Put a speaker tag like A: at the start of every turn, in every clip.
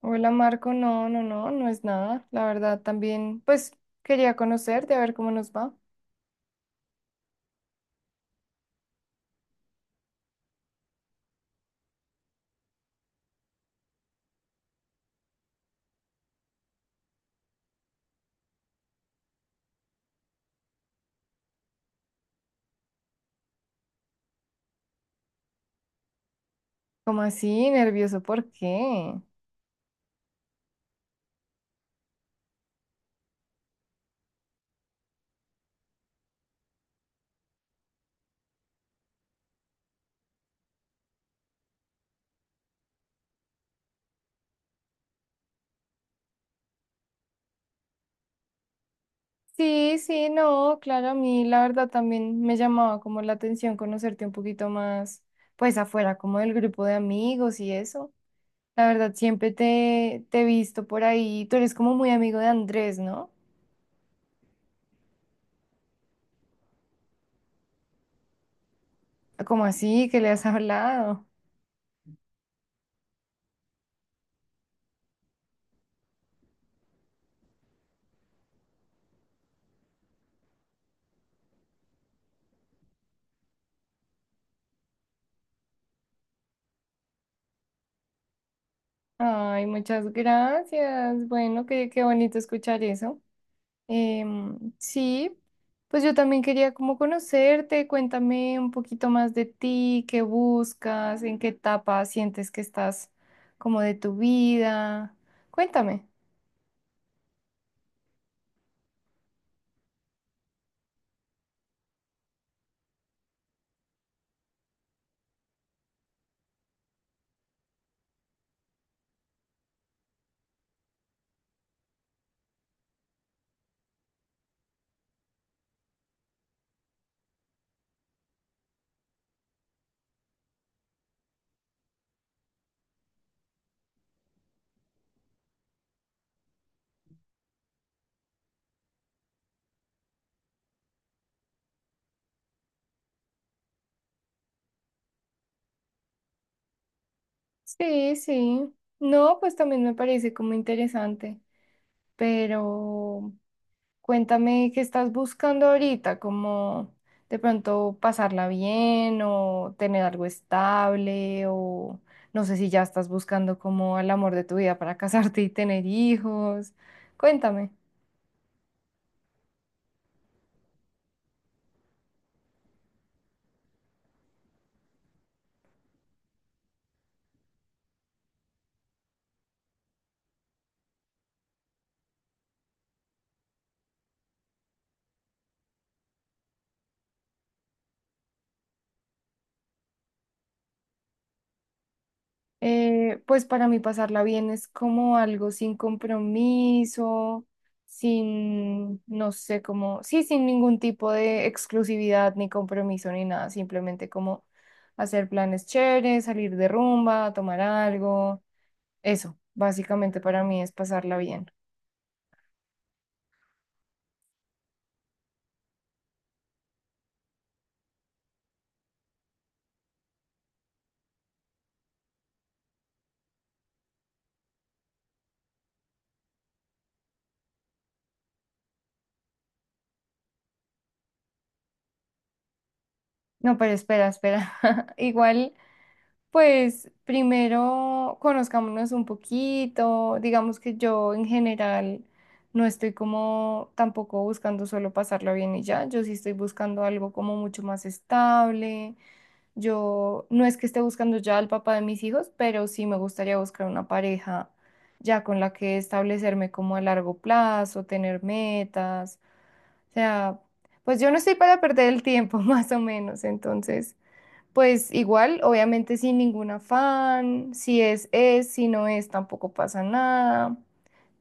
A: Hola Marco, no, no, no, no es nada. La verdad también, pues quería conocerte, a ver cómo nos va. ¿Cómo así? ¿Nervioso? ¿Por qué? Sí, sí, no, claro, a mí la verdad también me llamaba como la atención conocerte un poquito más, pues afuera, como del grupo de amigos y eso. La verdad, siempre te he visto por ahí. Tú eres como muy amigo de Andrés, ¿no? ¿Cómo así? ¿Que le has hablado? Ay, muchas gracias. Bueno, qué bonito escuchar eso. Sí, pues yo también quería como conocerte, cuéntame un poquito más de ti, qué buscas, en qué etapa sientes que estás como de tu vida. Cuéntame. Sí, sí. No, pues también me parece como interesante, pero cuéntame qué estás buscando ahorita, como de pronto pasarla bien o tener algo estable o no sé si ya estás buscando como el amor de tu vida para casarte y tener hijos. Cuéntame. Pues para mí pasarla bien es como algo sin compromiso, sin, no sé, como, sí, sin ningún tipo de exclusividad ni compromiso ni nada, simplemente como hacer planes chéveres, salir de rumba, tomar algo. Eso, básicamente para mí es pasarla bien. No, pero espera, espera. Igual, pues primero conozcámonos un poquito. Digamos que yo en general no estoy como tampoco buscando solo pasarla bien y ya. Yo sí estoy buscando algo como mucho más estable. Yo no es que esté buscando ya al papá de mis hijos, pero sí me gustaría buscar una pareja ya con la que establecerme como a largo plazo, tener metas. O sea, pues yo no estoy para perder el tiempo, más o menos. Entonces, pues igual, obviamente sin ningún afán, si no es, tampoco pasa nada.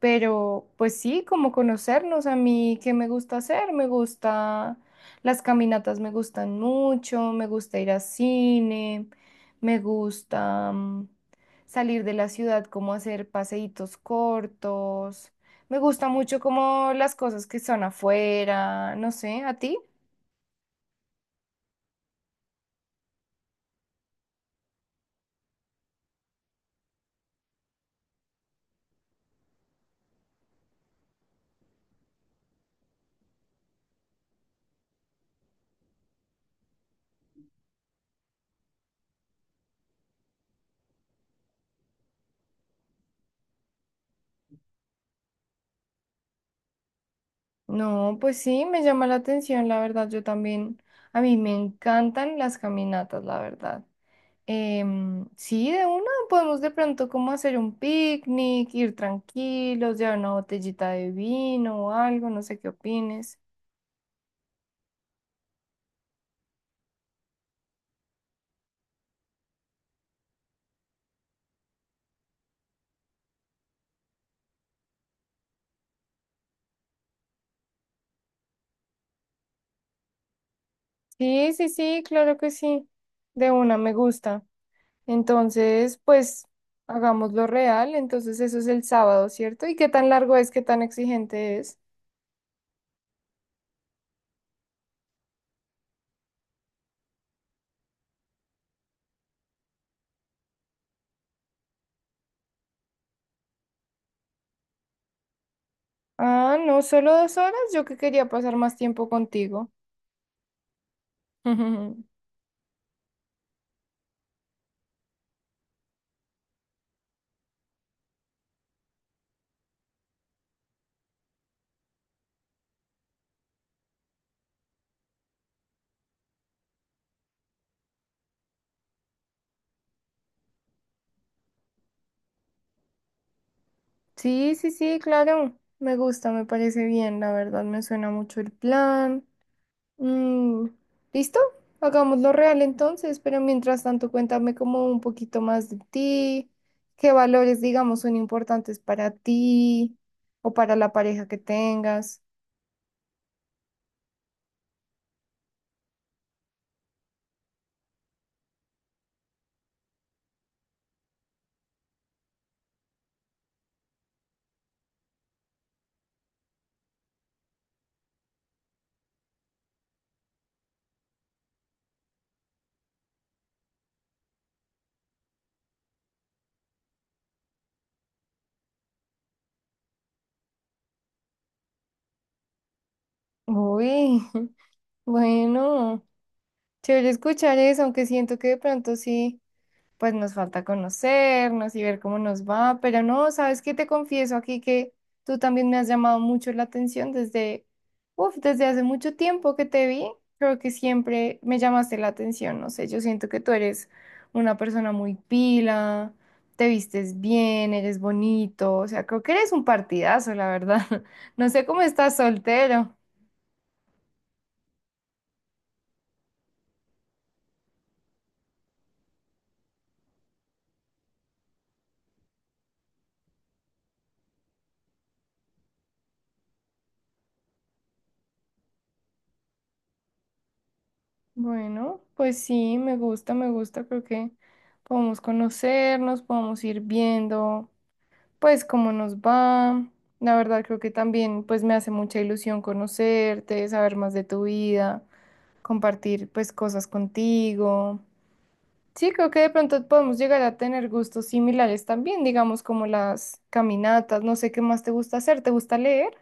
A: Pero pues sí, como conocernos a mí, ¿qué me gusta hacer? Me gusta, las caminatas me gustan mucho, me gusta ir al cine, me gusta salir de la ciudad, como hacer paseitos cortos. Me gusta mucho como las cosas que son afuera, no sé, ¿a ti? No, pues sí, me llama la atención, la verdad, yo también, a mí me encantan las caminatas, la verdad. Sí, de una podemos de pronto como hacer un picnic, ir tranquilos, llevar una botellita de vino o algo, no sé qué opines. Sí, sí, sí, claro que sí, de una me gusta. Entonces, pues hagámoslo real, entonces eso es el sábado, ¿cierto? ¿Y qué tan largo es, qué tan exigente es? Ah, no, solo 2 horas, yo que quería pasar más tiempo contigo. Ujú. Sí, sí, sí, claro. Me gusta, me parece bien, la verdad, me suena mucho el plan. Mm, ¿listo? Hagámoslo real entonces, pero mientras tanto cuéntame como un poquito más de ti, qué valores, digamos, son importantes para ti o para la pareja que tengas. Uy, bueno, chévere escuchar eso, aunque siento que de pronto sí, pues nos falta conocernos y ver cómo nos va, pero no, ¿sabes qué? Te confieso aquí que tú también me has llamado mucho la atención desde, uf, desde hace mucho tiempo que te vi, creo que siempre me llamaste la atención, no sé, yo siento que tú eres una persona muy pila, te vistes bien, eres bonito, o sea, creo que eres un partidazo, la verdad. No sé cómo estás soltero. Bueno, pues sí, me gusta, creo que podemos conocernos, podemos ir viendo pues cómo nos va. La verdad creo que también pues me hace mucha ilusión conocerte, saber más de tu vida, compartir pues cosas contigo. Sí, creo que de pronto podemos llegar a tener gustos similares también, digamos como las caminatas, no sé qué más te gusta hacer, ¿te gusta leer?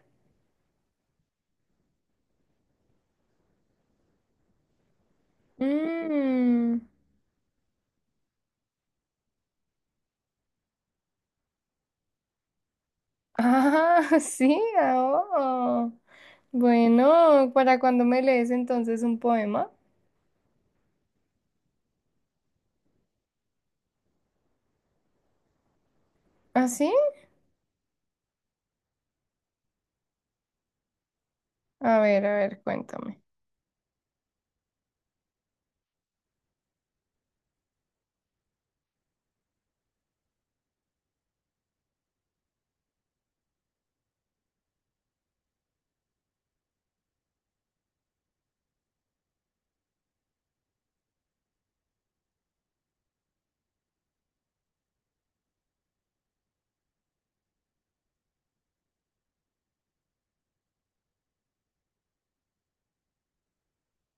A: Mm, ah, sí, ah, oh. Bueno, ¿para cuando me lees entonces un poema? ¿Ah, sí? A ver, cuéntame.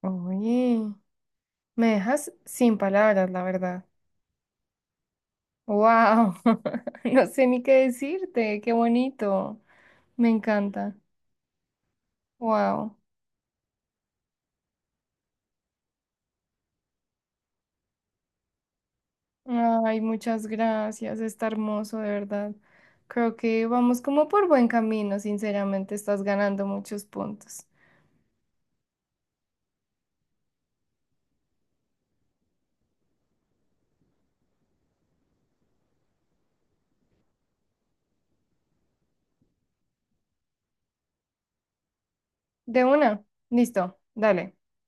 A: Uy, me dejas sin palabras, la verdad. ¡Wow! No sé ni qué decirte. ¡Qué bonito! Me encanta. ¡Wow! Ay, muchas gracias. Está hermoso, de verdad. Creo que vamos como por buen camino, sinceramente. Estás ganando muchos puntos. De una. Listo. Dale.